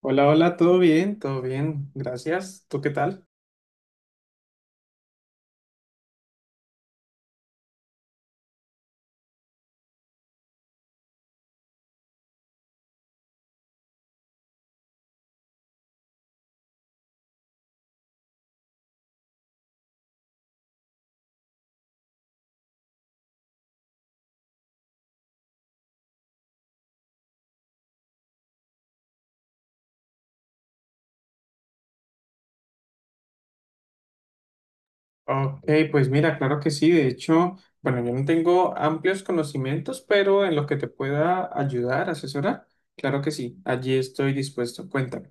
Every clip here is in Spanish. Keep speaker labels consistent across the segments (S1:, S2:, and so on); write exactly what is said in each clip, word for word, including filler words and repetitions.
S1: Hola, hola, todo bien, todo bien, gracias. ¿Tú qué tal? Ok, pues mira, claro que sí. De hecho, bueno, yo no tengo amplios conocimientos, pero en lo que te pueda ayudar, asesorar, claro que sí, allí estoy dispuesto. Cuéntame.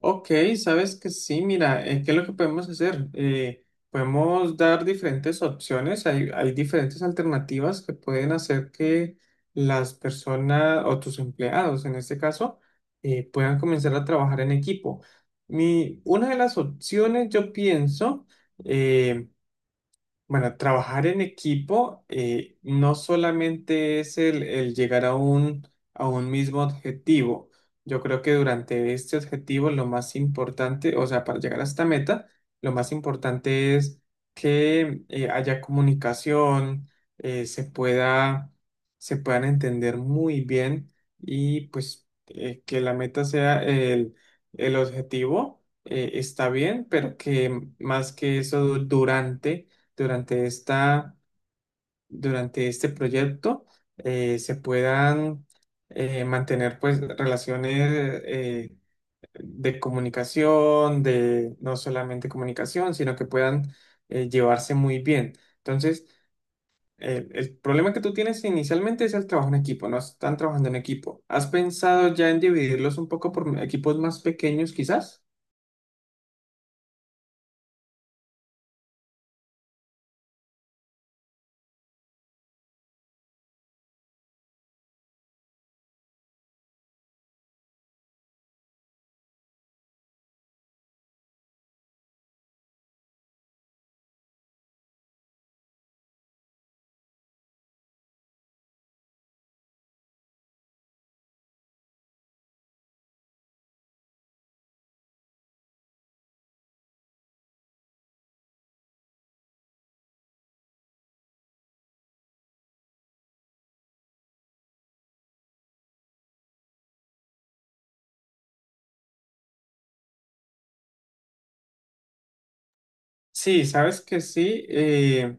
S1: Ok, sabes que sí, mira, eh, ¿qué es lo que podemos hacer? Eh, podemos dar diferentes opciones, hay, hay diferentes alternativas que pueden hacer que las personas o tus empleados, en este caso, eh, puedan comenzar a trabajar en equipo. Mi, una de las opciones, yo pienso, eh, bueno, trabajar en equipo eh, no solamente es el, el llegar a un, a un mismo objetivo. Yo creo que durante este objetivo lo más importante, o sea, para llegar a esta meta, lo más importante es que eh, haya comunicación, eh, se pueda, se puedan entender muy bien y pues eh, que la meta sea el, el objetivo, eh, está bien, pero que más que eso durante durante esta, durante este proyecto eh, se puedan eh, mantener pues relaciones eh, de comunicación, de no solamente comunicación, sino que puedan eh, llevarse muy bien. Entonces, el, el problema que tú tienes inicialmente es el trabajo en equipo, no están trabajando en equipo. ¿Has pensado ya en dividirlos un poco por equipos más pequeños quizás? Sí, sabes que sí. eh,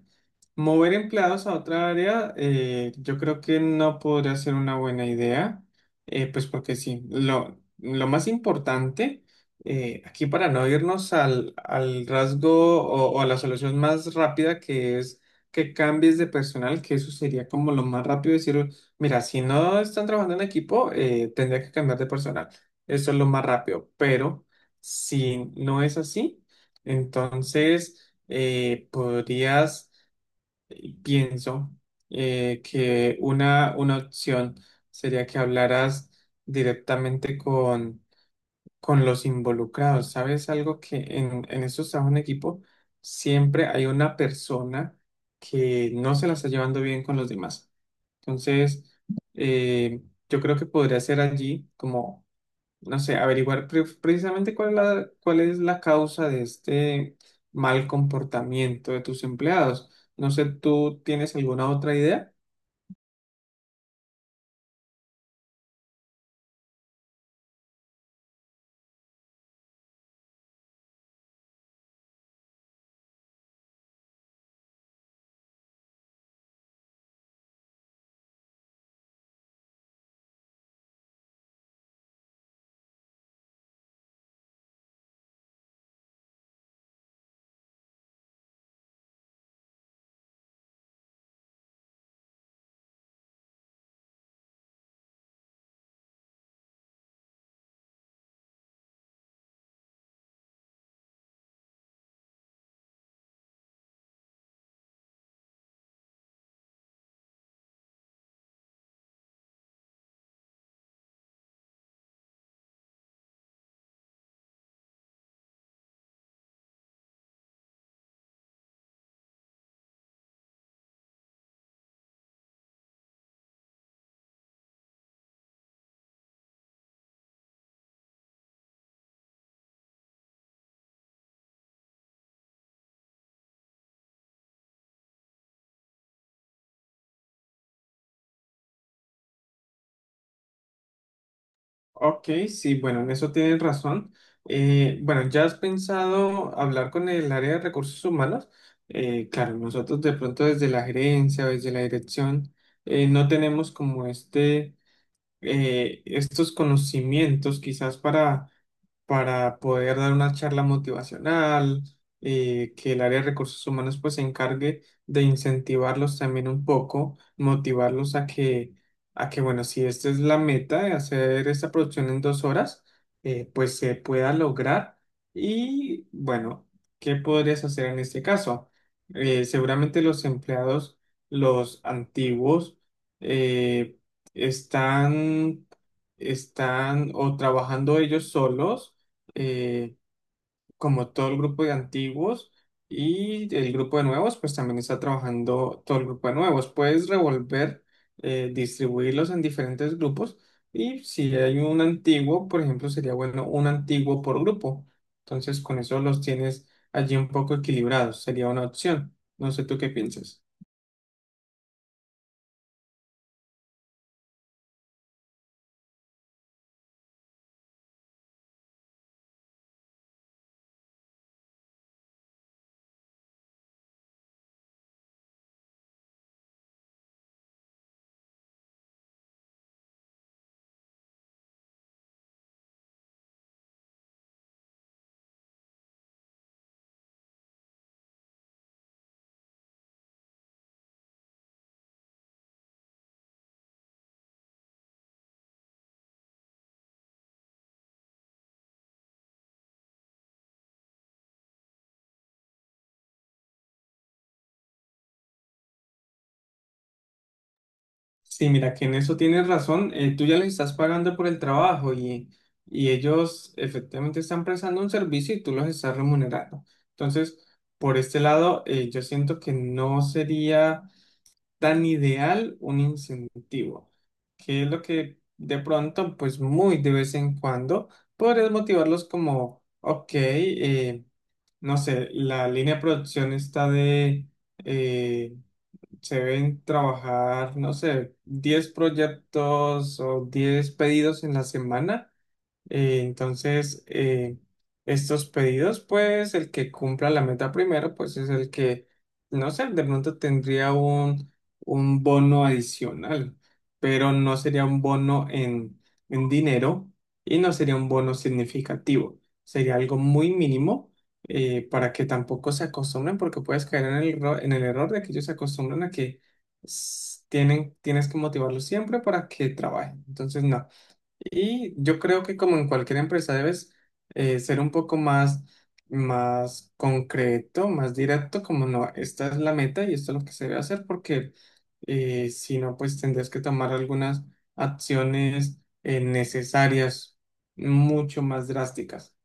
S1: Mover empleados a otra área, eh, yo creo que no podría ser una buena idea, eh, pues porque sí, lo, lo más importante, eh, aquí para no irnos al, al rasgo o, o a la solución más rápida que es que cambies de personal, que eso sería como lo más rápido, decir, mira, si no están trabajando en equipo, eh, tendría que cambiar de personal. Eso es lo más rápido, pero si no es así entonces, eh, podrías, eh, pienso, eh, que una, una opción sería que hablaras directamente con, con los involucrados. ¿Sabes algo que en, en estos trabajos en equipo siempre hay una persona que no se la está llevando bien con los demás? Entonces, eh, yo creo que podría ser allí como no sé, averiguar pre- precisamente cuál es la, cuál es la causa de este mal comportamiento de tus empleados. No sé, ¿tú tienes alguna otra idea? Ok, sí, bueno, en eso tienes razón. Eh, bueno, ¿ya has pensado hablar con el área de recursos humanos? Eh, claro, nosotros de pronto desde la gerencia, desde la dirección, eh, no tenemos como este... eh, estos conocimientos quizás para, para poder dar una charla motivacional, eh, que el área de recursos humanos pues se encargue de incentivarlos también un poco, motivarlos a que, a que bueno, si esta es la meta de hacer esta producción en dos horas, eh, pues se pueda lograr. Y bueno, ¿qué podrías hacer en este caso? Eh, seguramente los empleados, los antiguos, eh, están, están o trabajando ellos solos, eh, como todo el grupo de antiguos, y el grupo de nuevos, pues también está trabajando todo el grupo de nuevos. Puedes revolver, eh, distribuirlos en diferentes grupos, y si hay un antiguo, por ejemplo, sería bueno un antiguo por grupo. Entonces, con eso los tienes allí un poco equilibrados, sería una opción. No sé tú qué piensas. Sí, mira, que en eso tienes razón. Eh, tú ya les estás pagando por el trabajo y, y ellos efectivamente están prestando un servicio y tú los estás remunerando. Entonces, por este lado, eh, yo siento que no sería tan ideal un incentivo, que es lo que de pronto, pues muy de vez en cuando, podrías motivarlos como, ok, eh, no sé, la línea de producción está de... eh, se deben trabajar, no sé, diez proyectos o diez pedidos en la semana. Eh, entonces, eh, estos pedidos, pues el que cumpla la meta primero, pues es el que, no sé, de pronto tendría un, un bono adicional, pero no sería un bono en, en dinero y no sería un bono significativo. Sería algo muy mínimo eh, para que tampoco se acostumbren, porque puedes caer en el, erro- en el error de que ellos se acostumbran a que s- tienen, tienes que motivarlos siempre para que trabajen. Entonces, no. Y yo creo que como en cualquier empresa debes eh, ser un poco más, más concreto, más directo, como no, esta es la meta y esto es lo que se debe hacer, porque eh, si no, pues tendrás que tomar algunas acciones eh, necesarias, mucho más drásticas.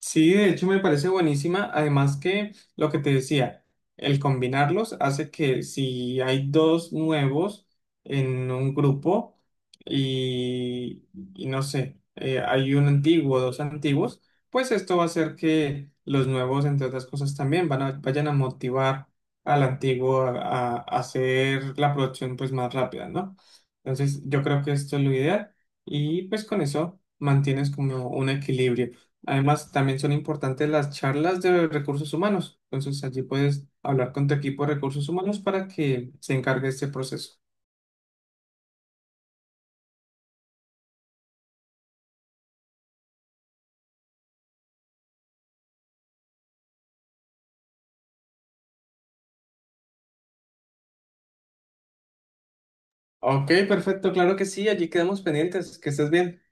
S1: Sí, de hecho me parece buenísima. Además que lo que te decía, el combinarlos hace que si hay dos nuevos en un grupo y, y no sé, eh, hay un antiguo, dos antiguos, pues esto va a hacer que los nuevos, entre otras cosas, también van a, vayan a motivar al antiguo a, a hacer la producción pues más rápida, ¿no? Entonces yo creo que esto es lo ideal y pues con eso mantienes como un equilibrio. Además, también son importantes las charlas de recursos humanos. Entonces, allí puedes hablar con tu equipo de recursos humanos para que se encargue este proceso. Ok, perfecto, claro que sí, allí quedamos pendientes. Que estés bien.